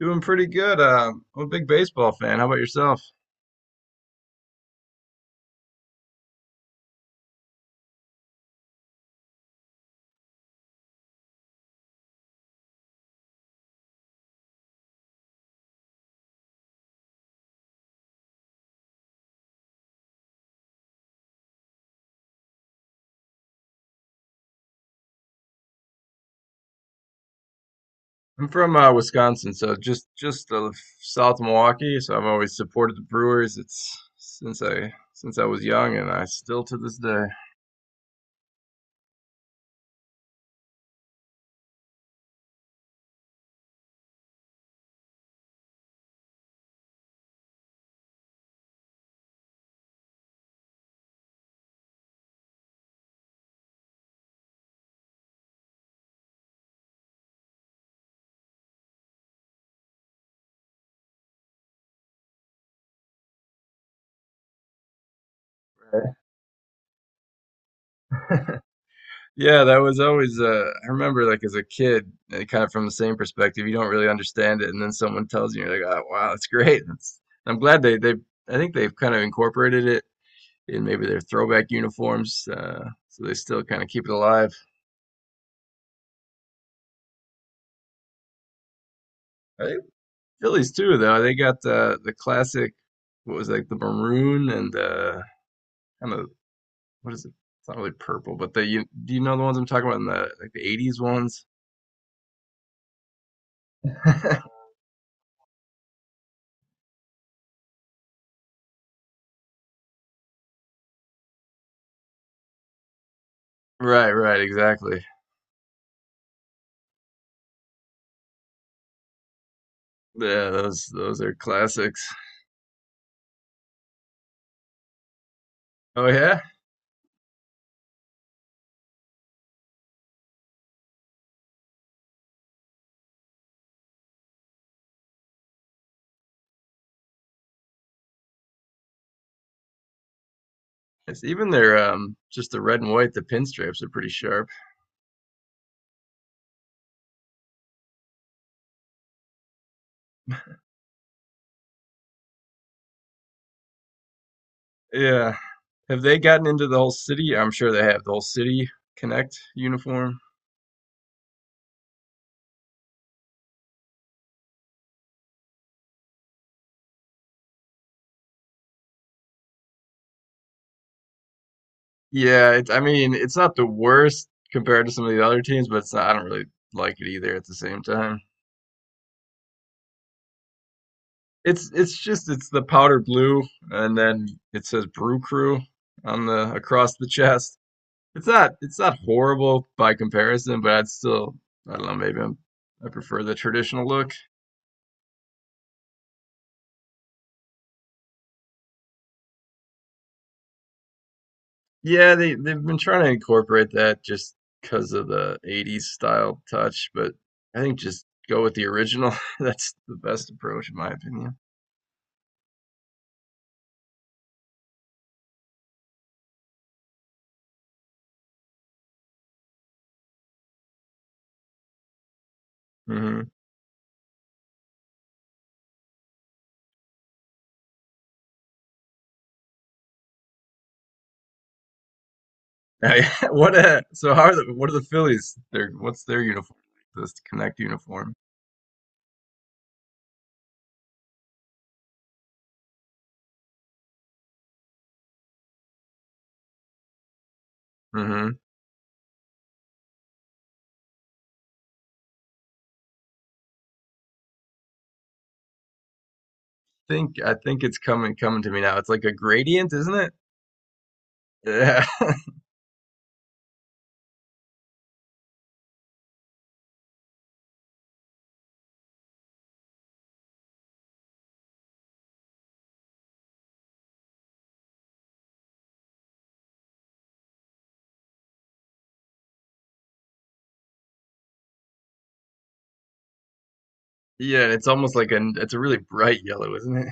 Doing pretty good. I'm a big baseball fan. How about yourself? I'm from Wisconsin, so just south of Milwaukee. So I've always supported the Brewers. It's since I was young, and I still to this day. Yeah, that was always. I remember, like as a kid, kind of from the same perspective. You don't really understand it, and then someone tells you, you're like, "Oh, wow, that's great." That's, I'm glad they. I think they've kind of incorporated it in maybe their throwback uniforms, so they still kind of keep it alive. I think Phillies too, though. They got the classic, what was it, like the maroon and kind of, what is it? It's not really purple, but the you, do you know the ones I'm talking about in the '80s ones? Right, right, exactly. Yeah, those are classics. Oh yeah, it's even their just the red and white, the pinstripes are pretty sharp. Yeah. Have they gotten into the whole city? I'm sure they have the whole city Connect uniform. Yeah, it's, I mean, it's not the worst compared to some of the other teams, but it's not, I don't really like it either at the same time. It's just it's the powder blue and then it says Brew Crew on the across the chest. It's not horrible by comparison, but I'd still, I don't know, maybe I'm, I prefer the traditional look. Yeah, they've been trying to incorporate that just because of the '80s style touch, but I think just go with the original. That's the best approach in my opinion. hmm Now, yeah, what? So how are the, what are the Phillies? Their, what's their uniform? This Connect uniform. hmm Think, I think it's coming to me now. It's like a gradient, isn't it? Yeah, yeah. It's almost like an, it's a really bright yellow, isn't it?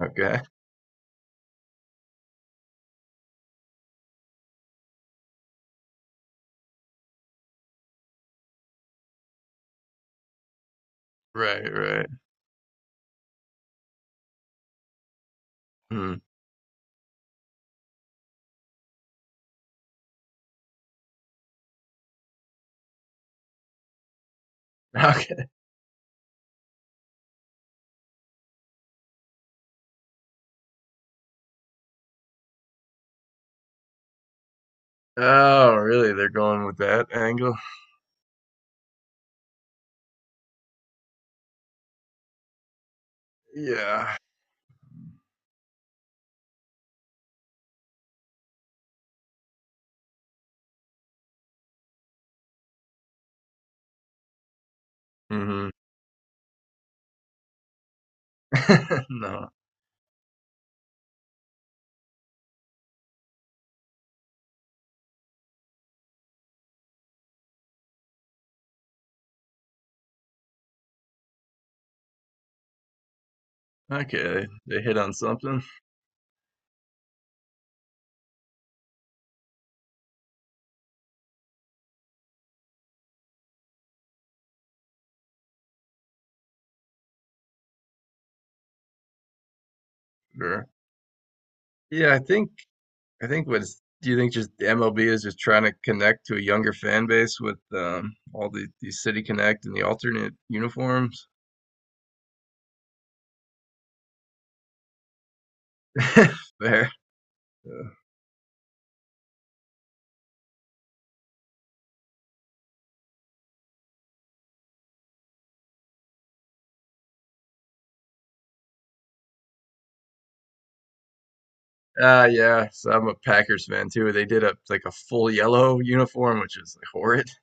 Okay. Right, right. Hmm. Okay. Oh, really? They're going with that angle? Yeah. Hmm. No. Okay. They hit on something. Sure. Yeah, I think. I think what's, do you think just the MLB is just trying to connect to a younger fan base with all the City Connect and the alternate uniforms? Fair. Uh, yeah. So I'm a Packers fan too. They did a like a full yellow uniform, which is like, horrid.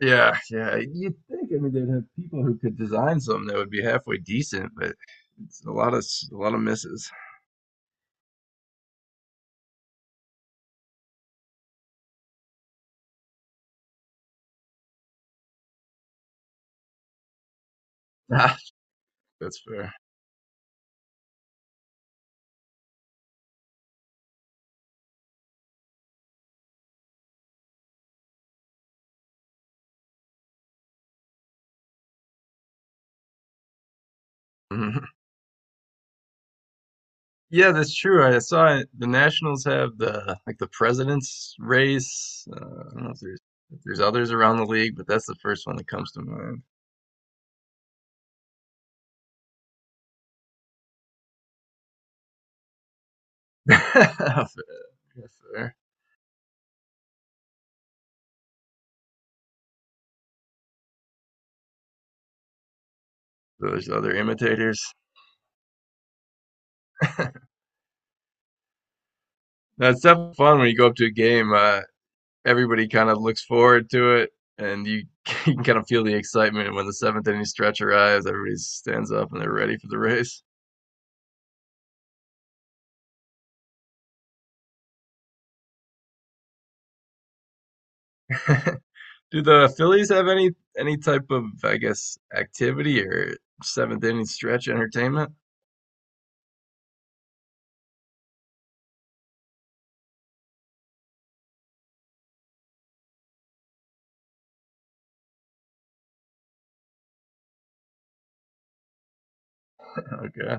Yeah, yeah. You'd think I mean they'd have people who could design something that would be halfway decent, but it's a lot of s- a lot of misses. That's fair. Yeah, that's true. I saw it. The Nationals have the like the president's race. I don't know if there's, if there's others around the league, but that's the first one that comes to mind. Yes, sir. Those other imitators. That's definitely fun when you go up to a game. Everybody kind of looks forward to it, and you, you can kind of feel the excitement when the seventh inning stretch arrives. Everybody stands up and they're ready for the race. Do the Phillies have any type of, I guess, activity or seventh inning stretch entertainment? Okay.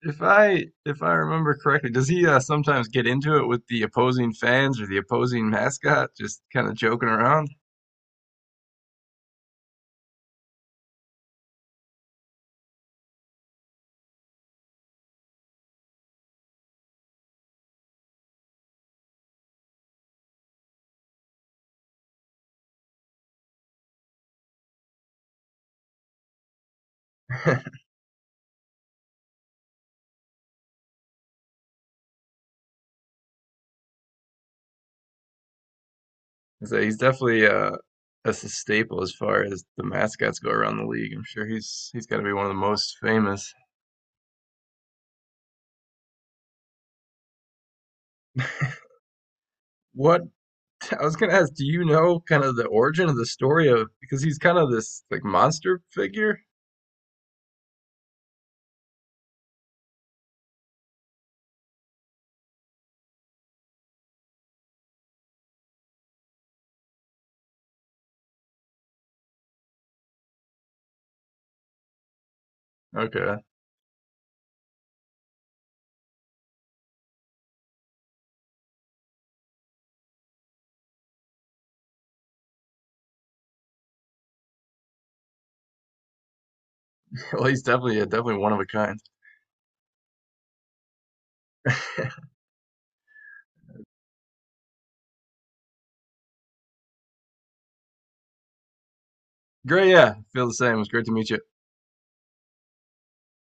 If I remember correctly, does he sometimes get into it with the opposing fans or the opposing mascot, just kind of joking around? So he's definitely that's a staple as far as the mascots go around the league. I'm sure he's got to be one of the most famous. What I was gonna ask, do you know kind of the origin of the story of because he's kind of this like monster figure? Okay. Well, he's definitely, yeah, definitely one of a kind. Great, yeah, feel the same. It was great to meet you.